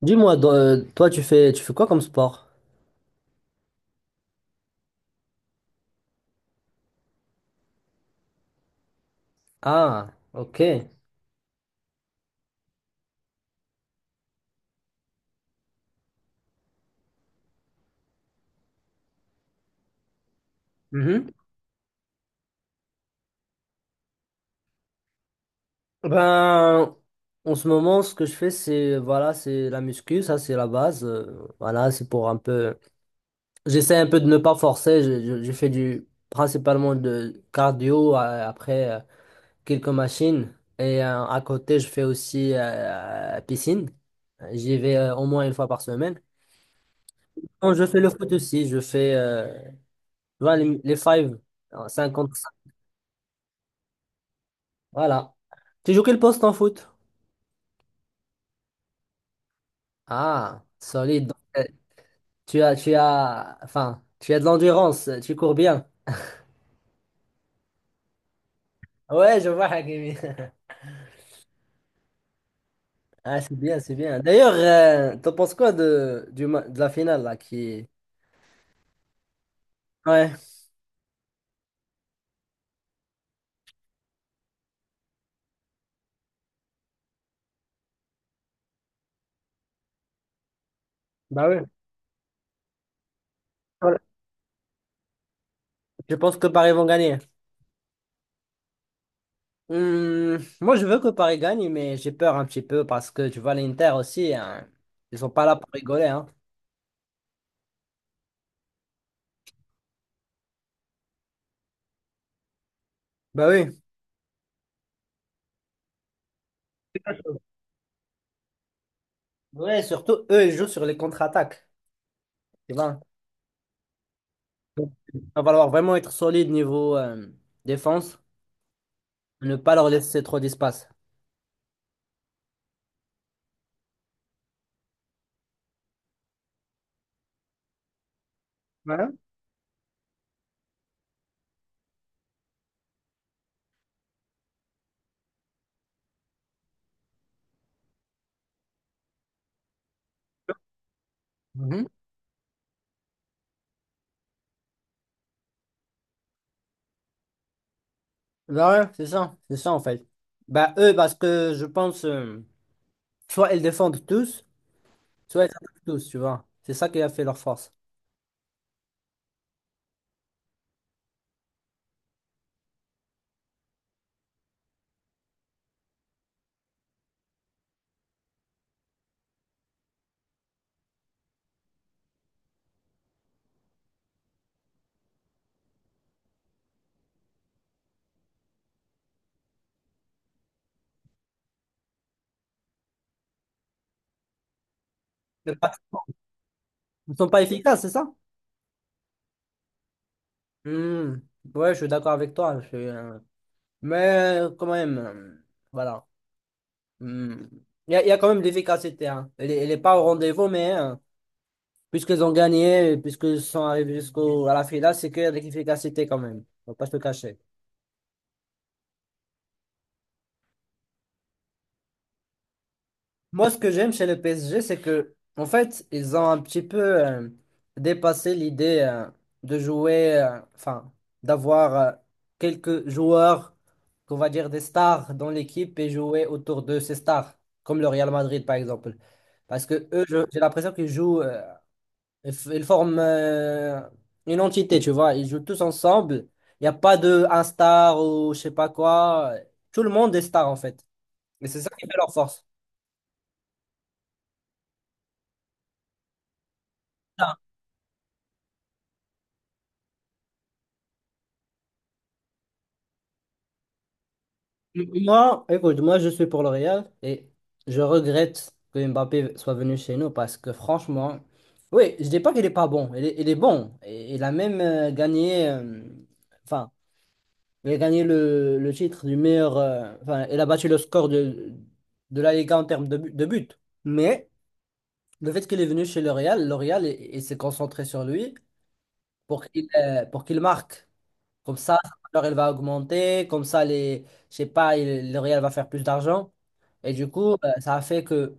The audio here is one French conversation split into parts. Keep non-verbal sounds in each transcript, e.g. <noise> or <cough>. Dis-moi, toi, tu fais quoi comme sport? Ah, ok. Mhm. Ben, en ce moment, ce que je fais, c'est voilà, c'est la muscu, ça, c'est la base. Voilà, c'est pour un peu. J'essaie un peu de ne pas forcer. Je fais du principalement de cardio, après, quelques machines et, à côté, je fais aussi, piscine. J'y vais, au moins une fois par semaine. Quand je fais le foot aussi, je fais, tu vois, les five, 5. Voilà. Tu joues quel poste en foot? Ah, solide. Donc, enfin, tu as de l'endurance, tu cours bien. Ouais, je vois Hakimi. <laughs> Ah, c'est bien, c'est bien. D'ailleurs, t'en penses quoi de la finale là qui... Ouais, bah oui. Voilà. Je pense que Paris vont gagner. Moi, je veux que Paris gagne, mais j'ai peur un petit peu parce que tu vois l'Inter aussi, hein, ils sont pas là pour rigoler, hein. Bah oui. Ouais, surtout eux, ils jouent sur les contre-attaques, tu vois. Donc, il va falloir vraiment être solide niveau, défense, ne pas leur laisser trop d'espace. Ouais. Mhm. Bah ouais, c'est ça en fait. Bah eux, parce que je pense, soit ils défendent tous, soit ils attaquent tous, tu vois. C'est ça qui a fait leur force. Ils ne sont pas efficaces, c'est ça? Hmm. Ouais, je suis d'accord avec toi. Mais, quand même, voilà. Hmm. Il y a quand même de l'efficacité, hein. Elle est pas au rendez-vous, mais, puisqu'ils ont gagné, puisqu'ils sont arrivés jusqu'au à la finale, c'est qu'il y a de l'efficacité quand même. Faut pas se le cacher. Moi, ce que j'aime chez le PSG, c'est que, en fait, ils ont un petit peu, euh, dépassé l'idée, de jouer, enfin, d'avoir, quelques joueurs, qu'on va dire des stars dans l'équipe et jouer autour de ces stars, comme le Real Madrid par exemple. Parce que eux, j'ai l'impression qu'ils jouent, ils forment, une entité, tu vois. Ils jouent tous ensemble. Il n'y a pas de un star ou je sais pas quoi. Tout le monde est star en fait. Et c'est ça qui fait leur force. Ah, moi, écoute, moi je suis pour le Real et je regrette que Mbappé soit venu chez nous parce que franchement, oui, je dis pas qu'il est pas bon. Il est bon. Et il a même, gagné, enfin, il a gagné le titre du meilleur, enfin, il a battu le score de la Liga en termes de buts. Mais. Le fait qu'il est venu chez L'Oréal, L'Oréal, il s'est concentré sur lui pour qu'il marque. Comme ça, sa valeur, elle va augmenter. Comme ça, je sais pas, L'Oréal va faire plus d'argent. Et du coup, ça a fait que,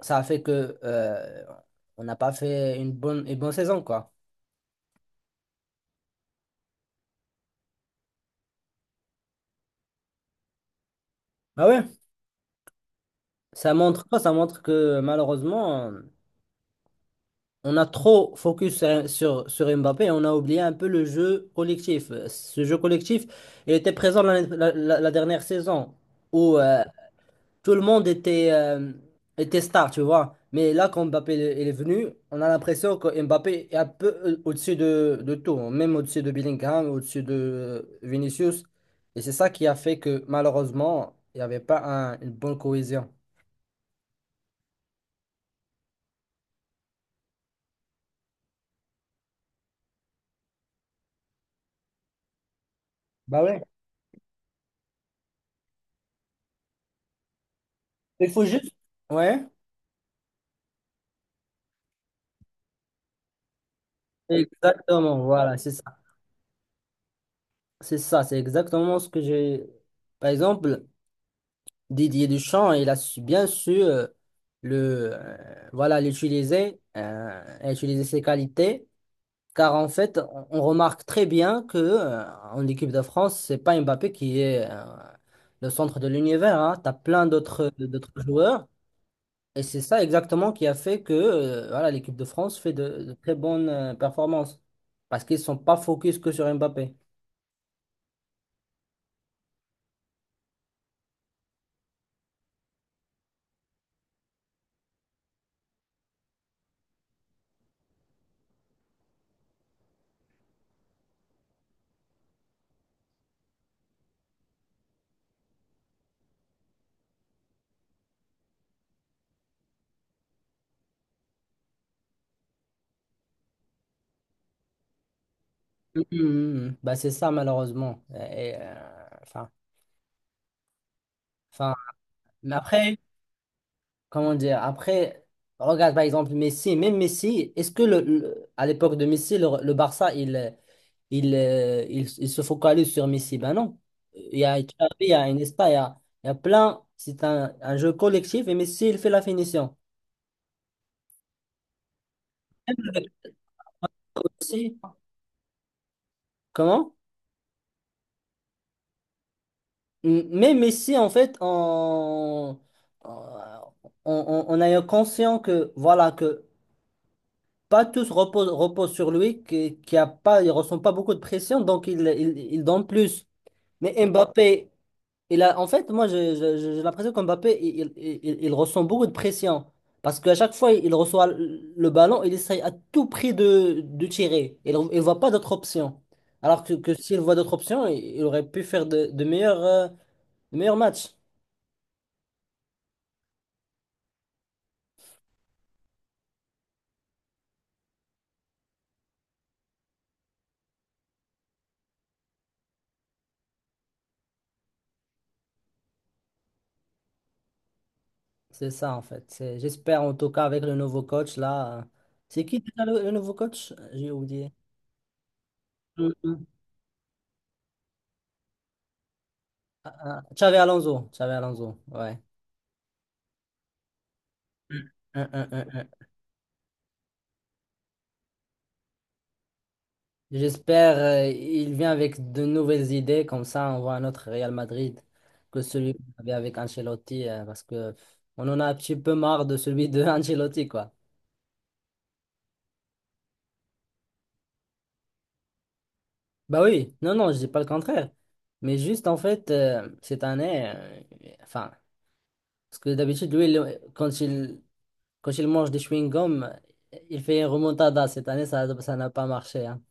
ça a fait que on n'a pas fait une bonne saison, quoi. Ah ouais. Ça montre quoi? Ça montre que malheureusement, on a trop focus sur Mbappé et on a oublié un peu le jeu collectif. Ce jeu collectif, il était présent la dernière saison où, tout le monde était star, tu vois. Mais là, quand Mbappé il est venu, on a l'impression que Mbappé est un peu, au-dessus de tout, hein, même au-dessus de Bellingham, au-dessus de, Vinicius. Et c'est ça qui a fait que malheureusement, il n'y avait pas une bonne cohésion. Bah ouais. Il faut juste. Ouais. Exactement, voilà, c'est ça. C'est ça, c'est exactement ce que j'ai. Par exemple. Didier Deschamps, il a bien su, voilà, utiliser ses qualités, car en fait, on remarque très bien que, en équipe de France, c'est pas Mbappé qui est, le centre de l'univers, hein. Tu as plein d'autres joueurs, et c'est ça exactement qui a fait que, voilà, l'équipe de France fait de très bonnes, performances, parce qu'ils sont pas focus que sur Mbappé. Mhm, mhm. Bah, c'est ça, malheureusement. Et, enfin, mais après. Comment dire? Après, regarde par exemple Messi, même Messi, est-ce que à l'époque de Messi, le Barça, il se focalise sur Messi? Ben non. Il y a Xavi, il y a Iniesta, il y a plein. C'est un jeu collectif et Messi, il fait la finition. Avec Messi, comment? Mais Messi, en fait, on, on a eu conscient que, voilà, que pas tous reposent sur lui, qu'il y a pas, il ressent pas beaucoup de pression, donc il donne plus. Mais Mbappé, en fait, moi, j'ai l'impression qu'Mbappé, il ressent beaucoup de pression. Parce qu'à chaque fois, il reçoit le ballon, il essaye à tout prix de tirer. Il ne voit pas d'autre option. Alors que s'il voit d'autres options, il aurait pu faire de meilleurs matchs. C'est ça, en fait. J'espère, en tout cas, avec le nouveau coach, là. C'est qui déjà le nouveau coach? J'ai oublié. Mm, mm. Ah, ah, Xavi Alonso. Xavi Alonso, ouais. J'espère, il vient avec de nouvelles idées, comme ça on voit un autre Real Madrid que celui qu'on avait avec Ancelotti, parce que on en a un petit peu marre de celui de <laughs> Ancelotti, quoi. Bah oui, non, non, je dis pas le contraire. Mais juste en fait, cette année, enfin, parce que d'habitude, lui, quand il mange des chewing-gums, il fait une remontada. Cette année, ça n'a pas marché, hein.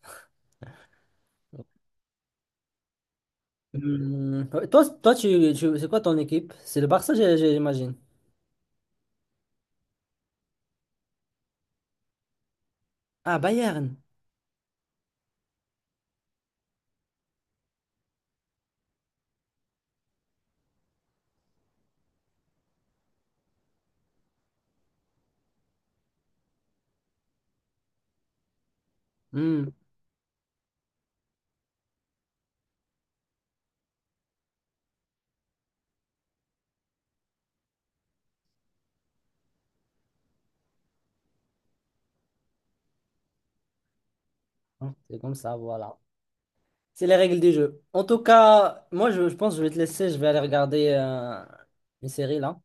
Toi, c'est quoi ton équipe? C'est le Barça, j'imagine. Ah, Bayern. Hum. Hein, c'est comme ça, voilà. C'est les règles du jeu. En tout cas, moi, je pense que je vais te laisser. Je vais aller regarder, une série là.